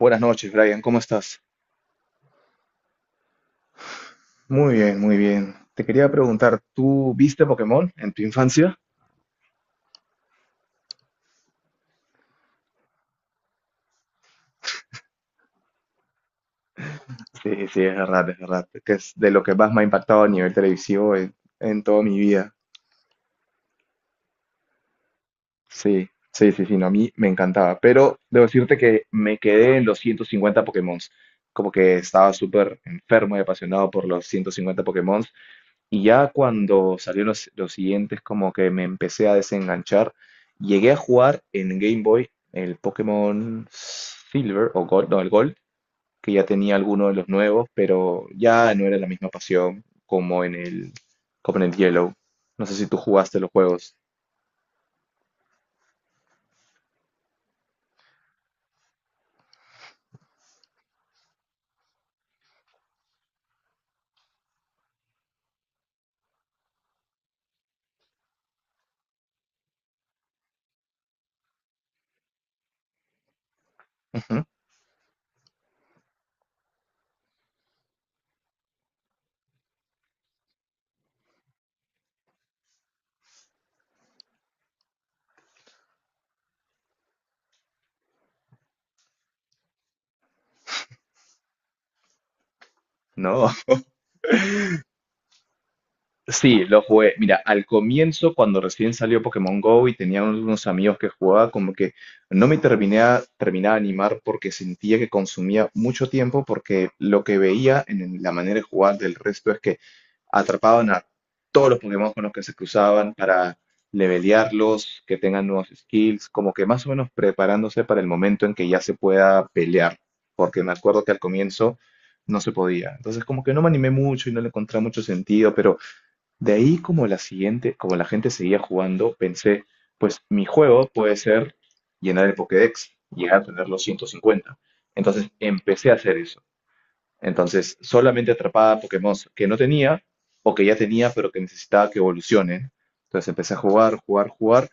Buenas noches, Brian, ¿cómo estás? Muy bien, muy bien. Te quería preguntar, ¿tú viste Pokémon en tu infancia? Sí, sí, es verdad, es verdad. Que es de lo que más me ha impactado a nivel televisivo en toda mi vida. Sí, sí, sí, sí, no, a mí me encantaba. Pero debo decirte que me quedé en los 150 Pokémon. Como que estaba súper enfermo y apasionado por los 150 Pokémon. Y ya cuando salieron los siguientes, como que me empecé a desenganchar. Llegué a jugar en Game Boy el Pokémon Silver o Gold, no, el Gold, que ya tenía alguno de los nuevos, pero ya no era la misma pasión como en el Yellow. No sé si tú jugaste los juegos. Ujú. No. Sí, lo jugué. Mira, al comienzo, cuando recién salió Pokémon Go y tenía unos amigos que jugaba, como que no me terminaba de animar porque sentía que consumía mucho tiempo, porque lo que veía en la manera de jugar del resto es que atrapaban a todos los Pokémon con los que se cruzaban para levelearlos, que tengan nuevos skills, como que más o menos preparándose para el momento en que ya se pueda pelear, porque me acuerdo que al comienzo no se podía. Entonces, como que no me animé mucho y no le encontré mucho sentido, pero de ahí como la siguiente, como la gente seguía jugando, pensé, pues mi juego puede ser llenar el Pokédex, llegar a tener los 150. Entonces empecé a hacer eso. Entonces solamente atrapaba Pokémon que no tenía o que ya tenía pero que necesitaba que evolucionen. Entonces empecé a jugar, jugar, jugar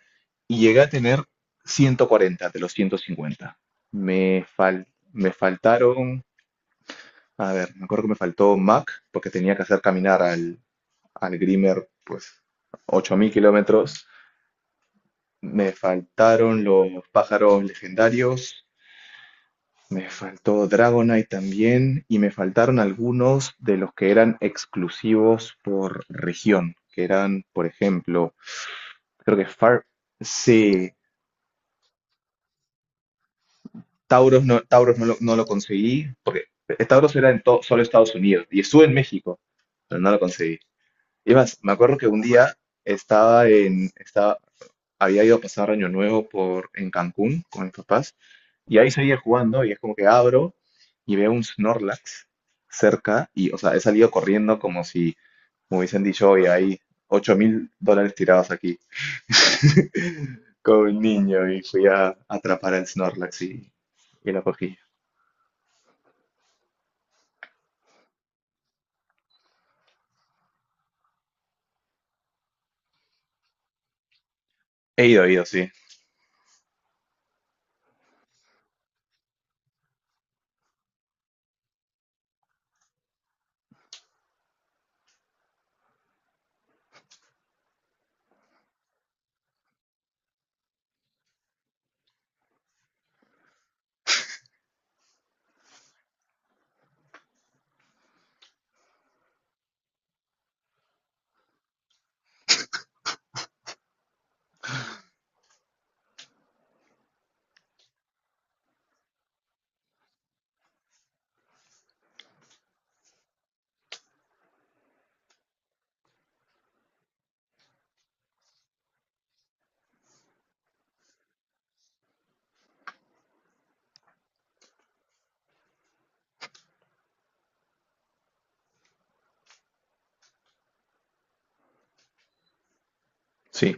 y llegué a tener 140 de los 150. Me fal- Me faltaron, a ver, me acuerdo que me faltó Mac porque tenía que hacer caminar al Grimer, pues 8.000 kilómetros. Me faltaron los pájaros legendarios, me faltó Dragonite también, y me faltaron algunos de los que eran exclusivos por región, que eran, por ejemplo, creo que Far... Sí, Tauros no lo conseguí, porque Tauros era solo Estados Unidos, y estuve en México, pero no lo conseguí. Y más, me acuerdo que un día estaba en, estaba, había ido a pasar Año Nuevo en Cancún con mis papás y ahí seguía jugando y es como que abro y veo un Snorlax cerca y, o sea, he salido corriendo como si me hubiesen dicho, oye, hay 8.000 dólares tirados aquí con un niño y fui a atrapar al Snorlax y lo cogí. He ido, sí, sí.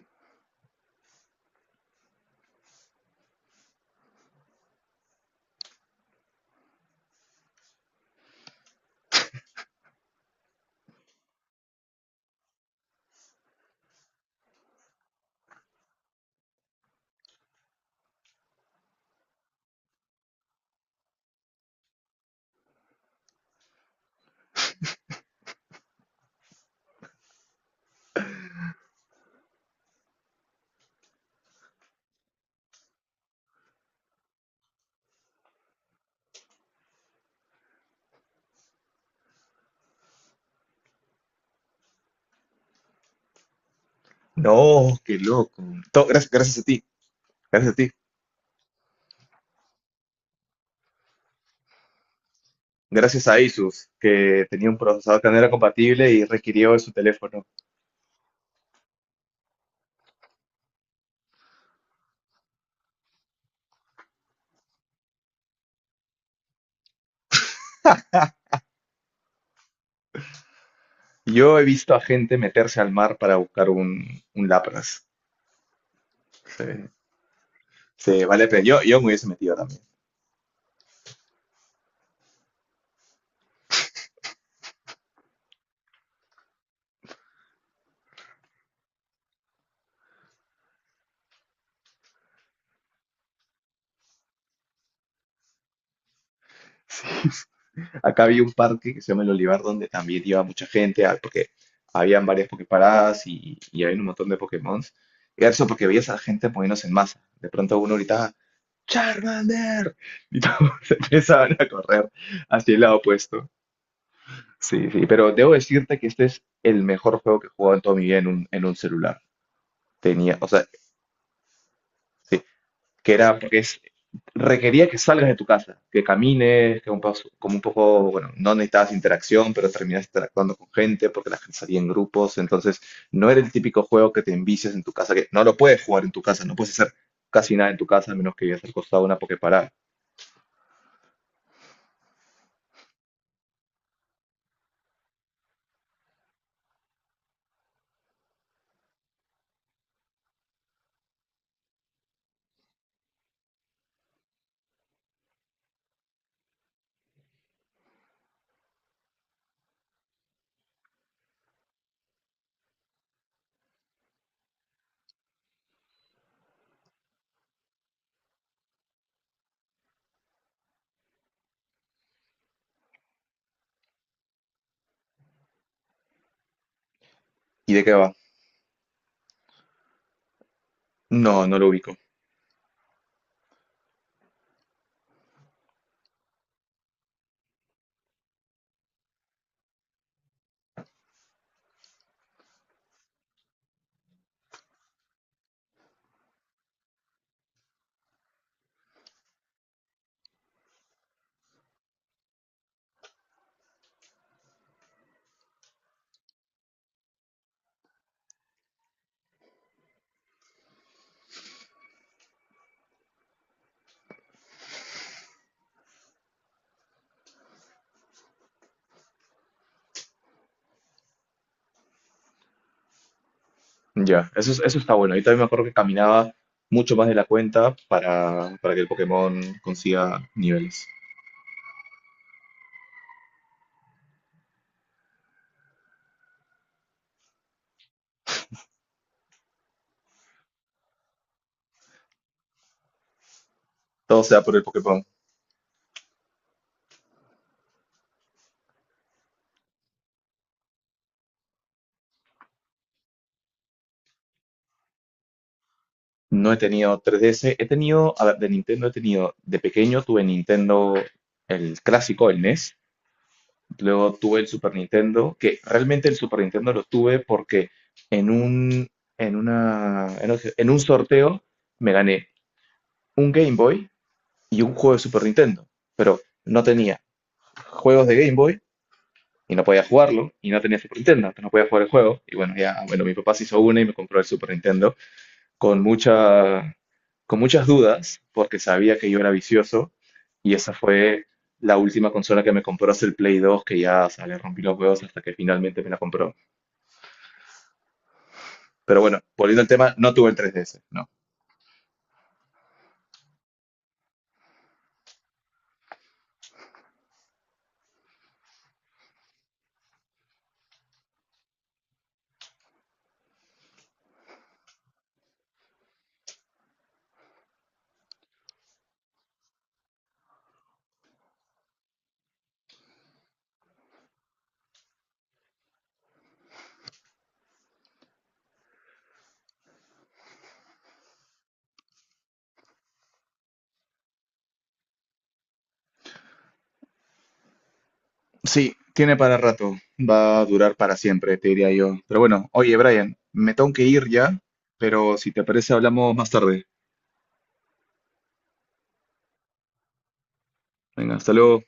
No, qué loco. Gracias, gracias a ti, gracias a ti. Gracias a Asus, que tenía un procesador que no era compatible y requirió en su teléfono. Yo he visto a gente meterse al mar para buscar un lapras. Se, se vale la pena. Yo me hubiese metido también. Acá había un parque que se llama El Olivar, donde también iba mucha gente, ah, porque habían varias poképaradas y había un montón de Pokémon. Y eso porque veías a la gente poniéndose en masa. De pronto uno gritaba, ¡Charmander! Y todos se empezaban a correr hacia el lado opuesto. Sí, sí, pero debo decirte que este es el mejor juego que he jugado en toda mi vida en un celular. Tenía, o sea, sí, que era porque requería que salgas de tu casa, que camines, que como un poco, bueno, no necesitabas interacción, pero terminabas interactuando con gente porque la gente salía en grupos, entonces no era el típico juego que te envicias en tu casa, que no lo puedes jugar en tu casa, no puedes hacer casi nada en tu casa a menos que vivas al costado de una Poképarada. ¿Y de qué va? No, no lo ubico. Ya, eso, eso está bueno. Yo también me acuerdo que caminaba mucho más de la cuenta para que el Pokémon consiga niveles. Todo sea por el Pokémon. No he tenido 3DS, he tenido, a ver, de Nintendo he tenido, de pequeño tuve Nintendo, el clásico, el NES, luego tuve el Super Nintendo, que realmente el Super Nintendo lo tuve porque en un, en un sorteo me gané un Game Boy y un juego de Super Nintendo, pero no tenía juegos de Game Boy y no podía jugarlo y no tenía Super Nintendo, entonces no podía jugar el juego y bueno, ya, bueno, mi papá se hizo una y me compró el Super Nintendo con mucha, con muchas dudas, porque sabía que yo era vicioso, y esa fue la última consola que me compró es el Play dos que ya, o sea, le rompí los huevos hasta que finalmente me la compró. Pero bueno, volviendo al tema, no tuve el 3DS, no. Sí, tiene para rato, va a durar para siempre, te diría yo. Pero bueno, oye, Brian, me tengo que ir ya, pero si te parece hablamos más tarde. Venga, hasta luego.